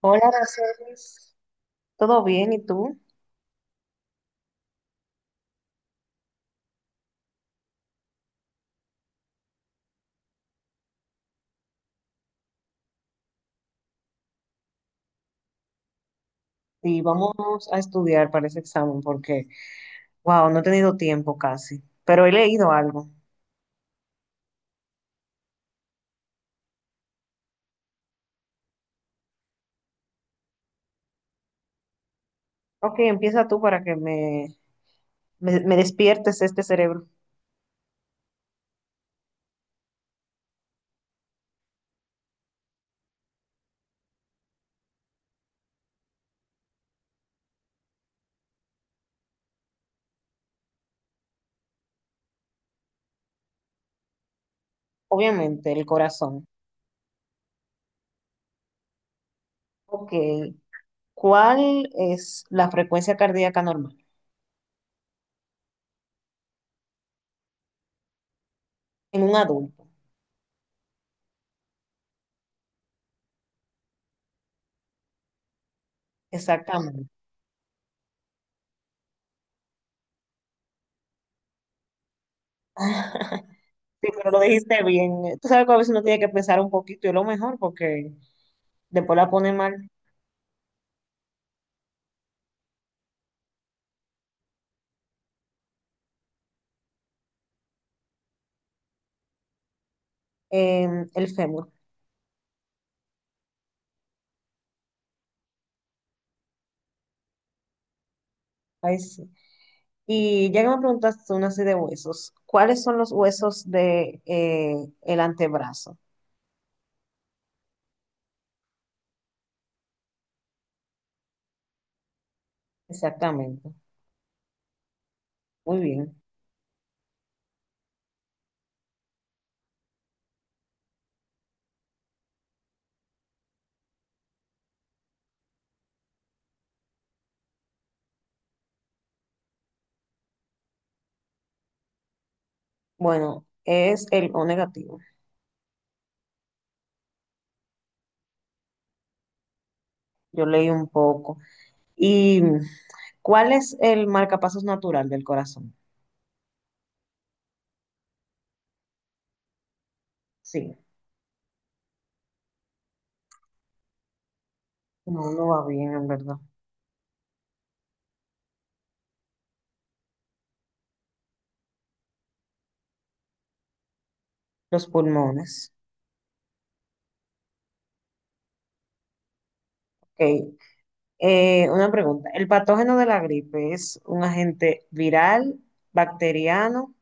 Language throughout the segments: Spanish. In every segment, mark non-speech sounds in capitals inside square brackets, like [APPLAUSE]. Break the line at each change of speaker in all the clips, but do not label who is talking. Hola, Aracelis. ¿Todo bien? ¿Y tú? Sí, vamos a estudiar para ese examen porque, wow, no he tenido tiempo casi, pero he leído algo. Ok, empieza tú para que me despiertes este cerebro. Obviamente, el corazón. Ok, ¿cuál es la frecuencia cardíaca normal en un adulto? Exactamente. [LAUGHS] Sí, pero lo dijiste bien. Tú sabes que a veces uno tiene que pensar un poquito y es lo mejor porque después la pone mal. El fémur. Ay, sí. Y ya que me preguntaste una así de huesos, ¿cuáles son los huesos de el antebrazo? Exactamente. Muy bien. Bueno, es el O negativo. Yo leí un poco. ¿Y cuál es el marcapasos natural del corazón? Sí, no, no va bien, en verdad. Los pulmones. Ok. Una pregunta. ¿El patógeno de la gripe es un agente viral, bacteriano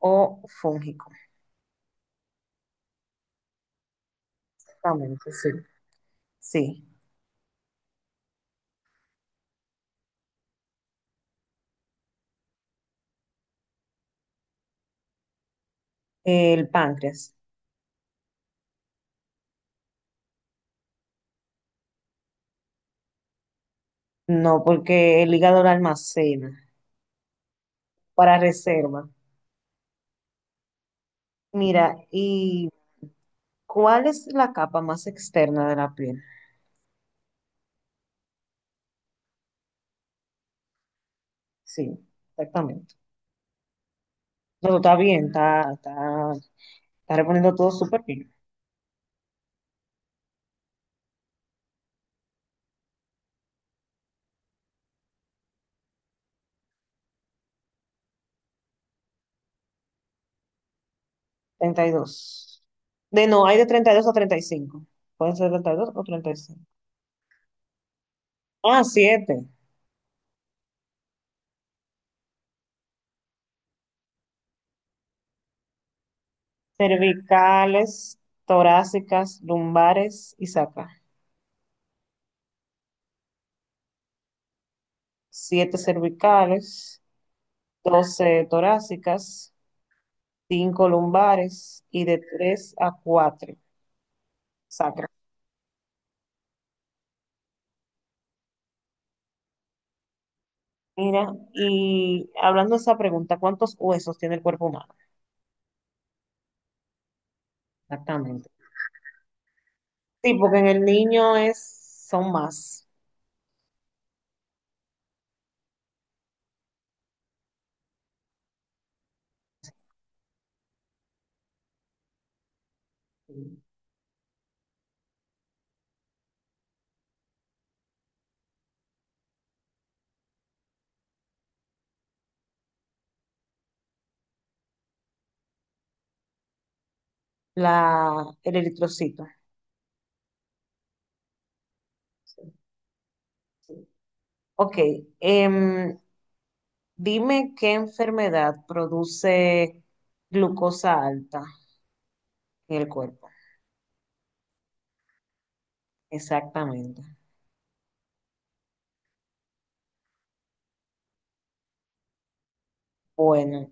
o fúngico? Exactamente, sí. Sí. El páncreas. No, porque el hígado lo almacena para reserva. Mira, ¿y cuál es la capa más externa de la piel? Sí, exactamente. No, no, está bien, está reponiendo todo súper bien. 32. De No, hay de 32 a 35. Pueden ser 32 o 35. Ah, siete. Cervicales, torácicas, lumbares y saca. Siete cervicales, 12 torácicas, cinco lumbares y de tres a cuatro sacras. Mira, y hablando de esa pregunta, ¿cuántos huesos tiene el cuerpo humano? Exactamente. Sí, porque en el niño es, son más. La, el eritrocito. Ok, em, dime qué enfermedad produce glucosa alta en el cuerpo. Exactamente. Bueno,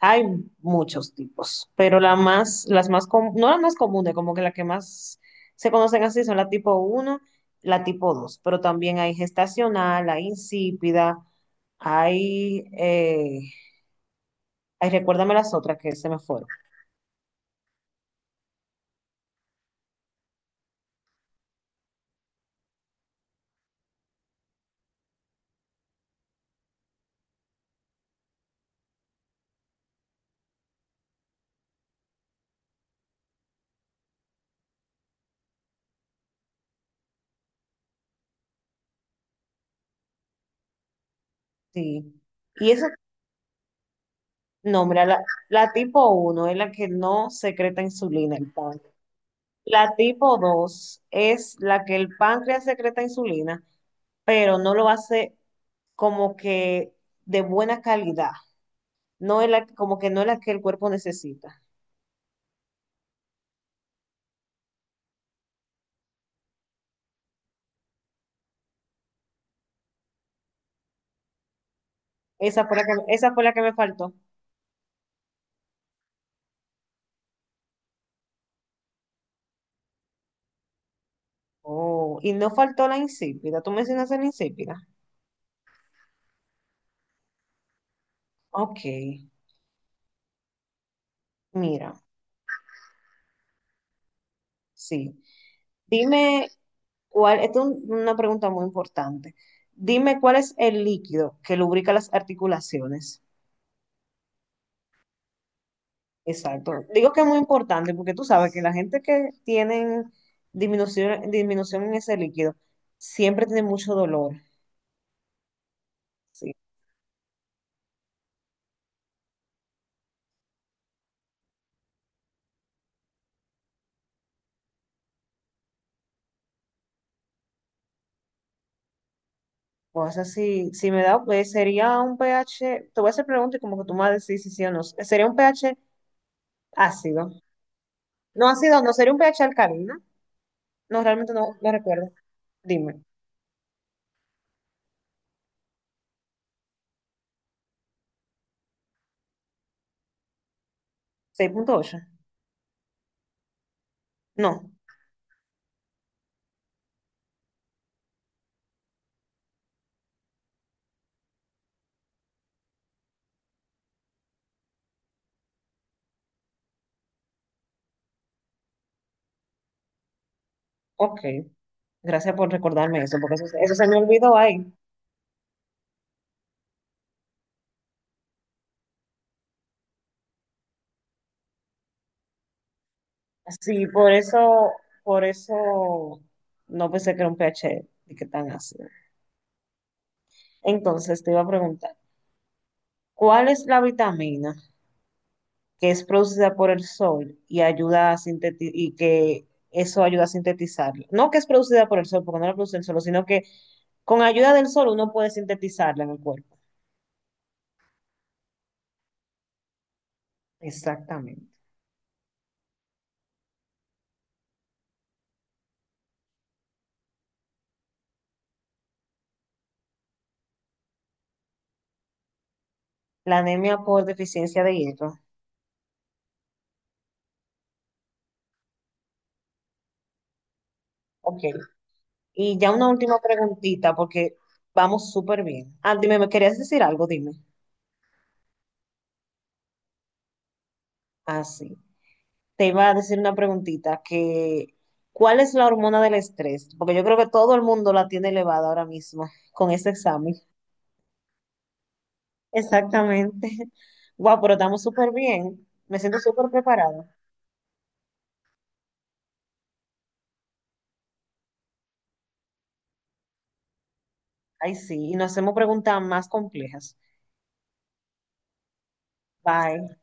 hay muchos tipos, pero la más, las más, com- no las más comunes, como que las que más se conocen así son la tipo uno, la tipo 2, pero también hay gestacional, hay insípida, hay, ay, recuérdame las otras que se me fueron. Sí. Y ese nombre, la tipo uno es la que no secreta insulina, el páncreas. La tipo 2 es la que el páncreas secreta insulina pero no lo hace como que de buena calidad, no es la, como que no es la que el cuerpo necesita. Esa fue la que me faltó. Oh, y no faltó la insípida. Tú mencionaste la insípida. Ok, mira, sí. Dime cuál, esta es una pregunta muy importante. Dime cuál es el líquido que lubrica las articulaciones. Exacto. Digo que es muy importante porque tú sabes que la gente que tienen disminución en ese líquido siempre tiene mucho dolor. Sí. O sea, si me da, pues sería un pH, te voy a hacer preguntas y como que tú me vas a decir si sí o no. Sería un pH ácido. No ácido, no, sería un pH alcalino. No, realmente no recuerdo. Dime, 6.8. No, ok. Gracias por recordarme eso, porque eso se me olvidó ahí. Sí, por eso no pensé que era un pH y que tan ácido. Entonces te iba a preguntar, ¿cuál es la vitamina que es producida por el sol y ayuda a sintetizar y que eso ayuda a sintetizarla? No que es producida por el sol, porque no la produce el sol, sino que con ayuda del sol uno puede sintetizarla en el cuerpo. Exactamente. La anemia por deficiencia de hierro. Ok. Y ya una última preguntita, porque vamos súper bien. Ah, dime, ¿me querías decir algo? Dime. Ah, sí. Te iba a decir una preguntita, que ¿cuál es la hormona del estrés? Porque yo creo que todo el mundo la tiene elevada ahora mismo con ese examen. Exactamente. [LAUGHS] Wow, pero estamos súper bien. Me siento súper preparada. Ay, sí, y nos hacemos preguntas más complejas. Bye.